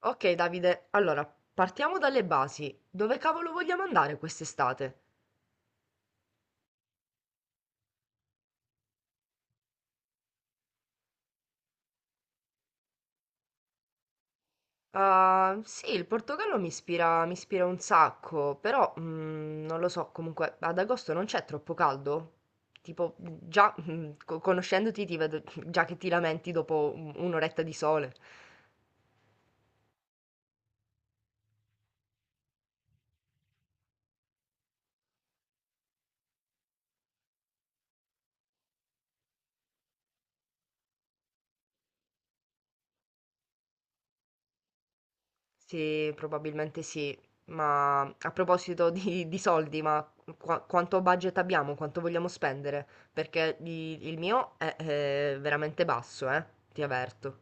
Ok Davide, allora partiamo dalle basi. Dove cavolo vogliamo andare quest'estate? Ah, sì, il Portogallo mi ispira un sacco, però non lo so, comunque ad agosto non c'è troppo caldo? Tipo, già conoscendoti ti vedo già che ti lamenti dopo un'oretta di sole. Sì, probabilmente sì. Ma a proposito di soldi, ma quanto budget abbiamo? Quanto vogliamo spendere? Perché il mio è veramente basso, eh? Ti avverto.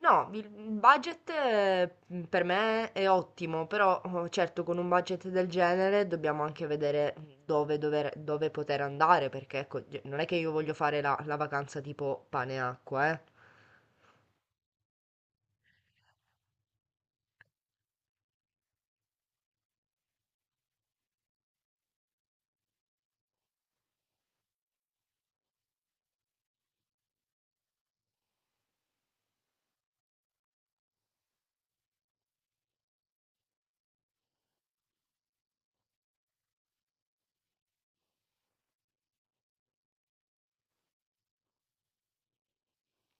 No, il budget per me è ottimo, però oh, certo con un budget del genere dobbiamo anche vedere dove poter andare, perché ecco, non è che io voglio fare la vacanza tipo pane e acqua, eh.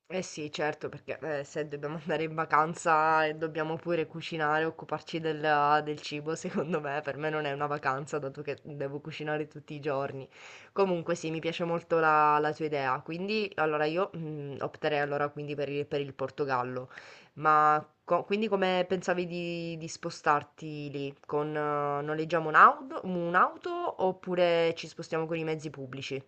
Eh sì, certo, perché se dobbiamo andare in vacanza e dobbiamo pure cucinare, occuparci del cibo, secondo me per me non è una vacanza, dato che devo cucinare tutti i giorni. Comunque sì, mi piace molto la tua idea, quindi allora io opterei allora quindi per per il Portogallo. Ma quindi come pensavi di spostarti lì? Con, noleggiamo un'auto oppure ci spostiamo con i mezzi pubblici?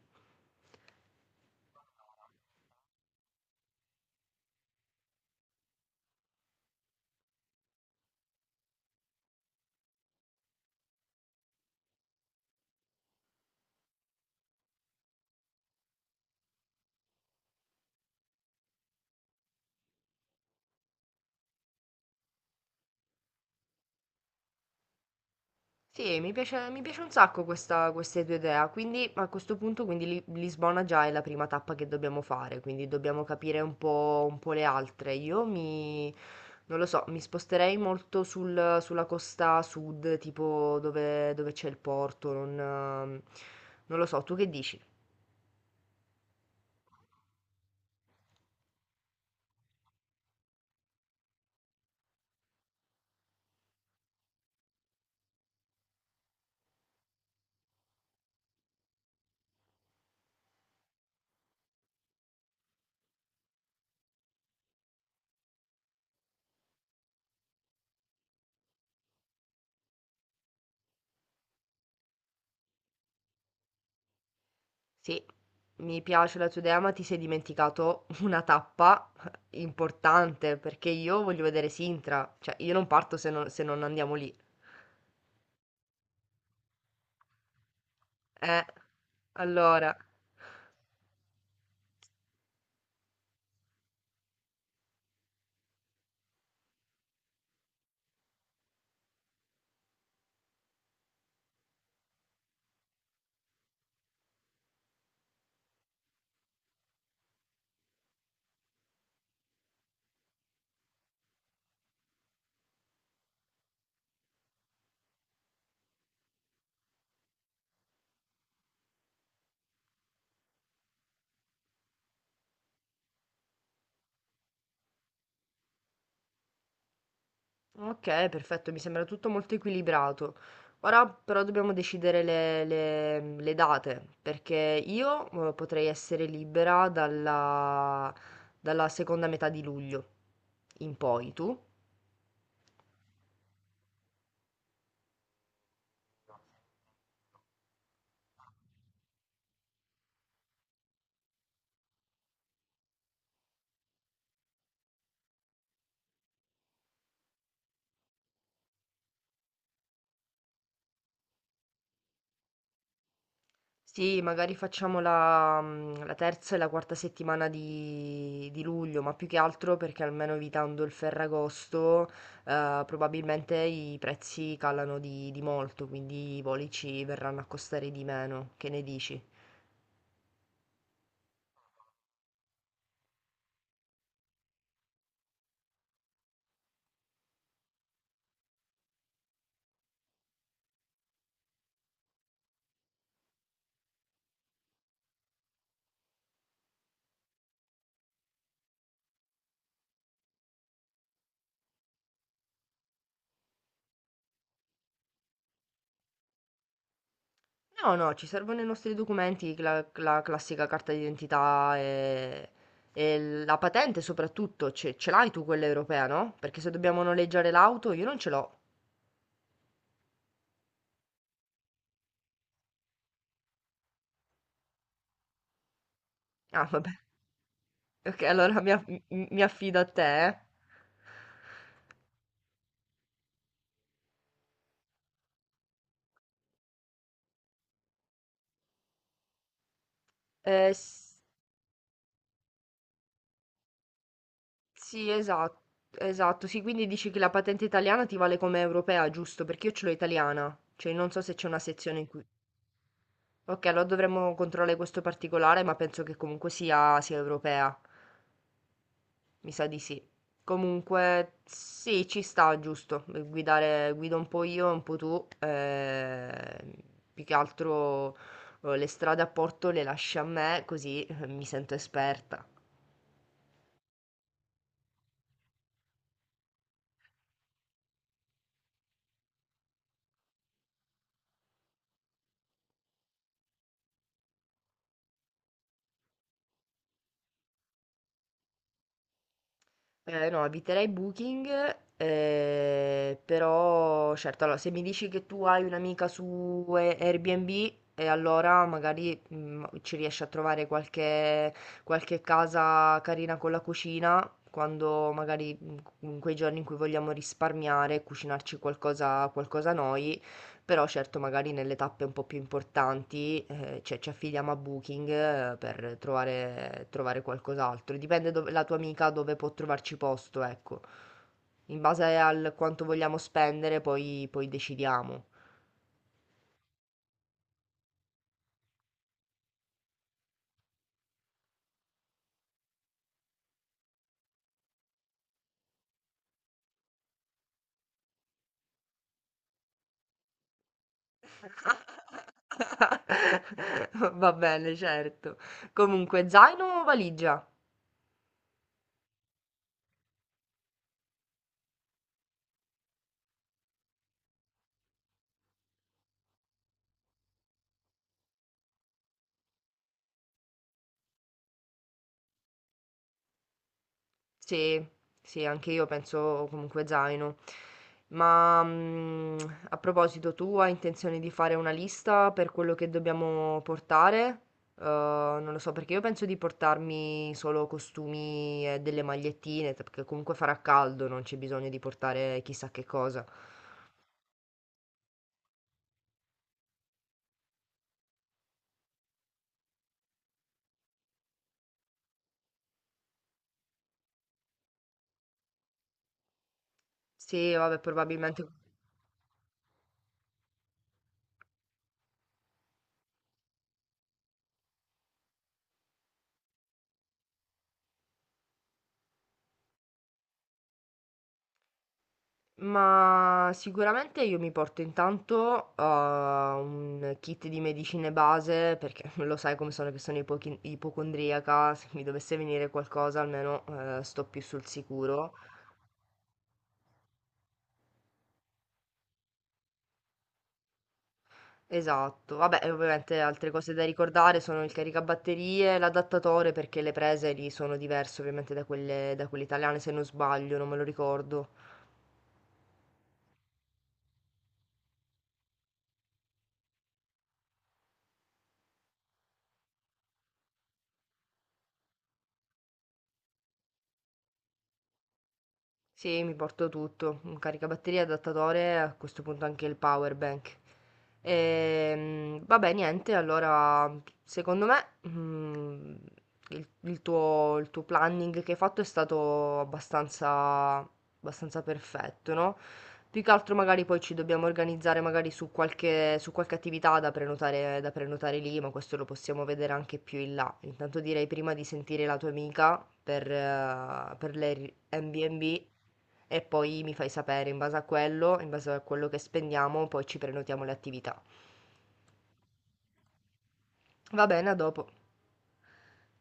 Sì, mi piace un sacco questa queste tua idea, quindi a questo punto quindi Li Lisbona già è la prima tappa che dobbiamo fare, quindi dobbiamo capire un po' le altre. Io mi non lo so, mi sposterei molto sulla costa sud, tipo dove c'è il porto, non lo so, tu che dici? Sì, mi piace la tua idea, ma ti sei dimenticato una tappa importante, perché io voglio vedere Sintra, cioè io non parto se non andiamo lì. Eh, allora, ok, perfetto, mi sembra tutto molto equilibrato. Ora però dobbiamo decidere le date, perché io potrei essere libera dalla seconda metà di luglio in poi, tu? Sì, magari facciamo la terza e la quarta settimana di luglio, ma più che altro perché almeno evitando il Ferragosto, probabilmente i prezzi calano di molto, quindi i voli ci verranno a costare di meno. Che ne dici? No, no, ci servono i nostri documenti, cla la classica carta d'identità e la patente soprattutto. Ce l'hai tu quella europea, no? Perché se dobbiamo noleggiare l'auto io non ce l'ho. Ah, vabbè. Ok, mi affido a te. Eh, s- sì, esatto, esatto. Sì, quindi dici che la patente italiana ti vale come europea, giusto? Perché io ce l'ho italiana, cioè non so se c'è una sezione in cui... Ok, allora dovremmo controllare questo particolare, ma penso che comunque sia europea. Mi sa di sì. Comunque sì, ci sta, giusto. Guidare, guido un po' io, un po' tu. Più che altro le strade a Porto le lasci a me, così mi sento esperta. No, eviterei Booking, però certo, allora, se mi dici che tu hai un'amica su Airbnb, e allora magari ci riesci a trovare qualche casa carina con la cucina, quando magari in quei giorni in cui vogliamo risparmiare, cucinarci qualcosa, qualcosa noi. Però certo magari nelle tappe un po' più importanti, cioè ci affidiamo a Booking, per trovare qualcos'altro. Dipende dove la tua amica dove può trovarci posto, ecco. In base al quanto vogliamo spendere poi decidiamo. Va bene, certo. Comunque zaino o valigia? Sì, sì, anche io penso comunque zaino. Ma mm, A proposito, tu hai intenzione di fare una lista per quello che dobbiamo portare? Non lo so, perché io penso di portarmi solo costumi e delle magliettine, perché comunque farà caldo, non c'è bisogno di portare chissà che cosa. Sì, vabbè, probabilmente. Ma sicuramente io mi porto intanto un kit di medicine base perché lo sai come sono, che sono ipocondriaca, se mi dovesse venire qualcosa almeno sto più sul sicuro. Esatto, vabbè, e ovviamente altre cose da ricordare sono il caricabatterie, l'adattatore, perché le prese lì sono diverse ovviamente da da quelle italiane, se non sbaglio, non me lo ricordo. Sì, mi porto tutto, un caricabatterie, adattatore, a questo punto anche il power bank. Vabbè, niente, allora, secondo me, il tuo planning che hai fatto è stato abbastanza perfetto, no? Più che altro magari poi ci dobbiamo organizzare magari su su qualche attività da prenotare lì, ma questo lo possiamo vedere anche più in là. Intanto direi prima di sentire la tua amica per le Airbnb, e poi mi fai sapere in base a quello, in base a quello che spendiamo, poi ci prenotiamo le attività. Va bene, a dopo.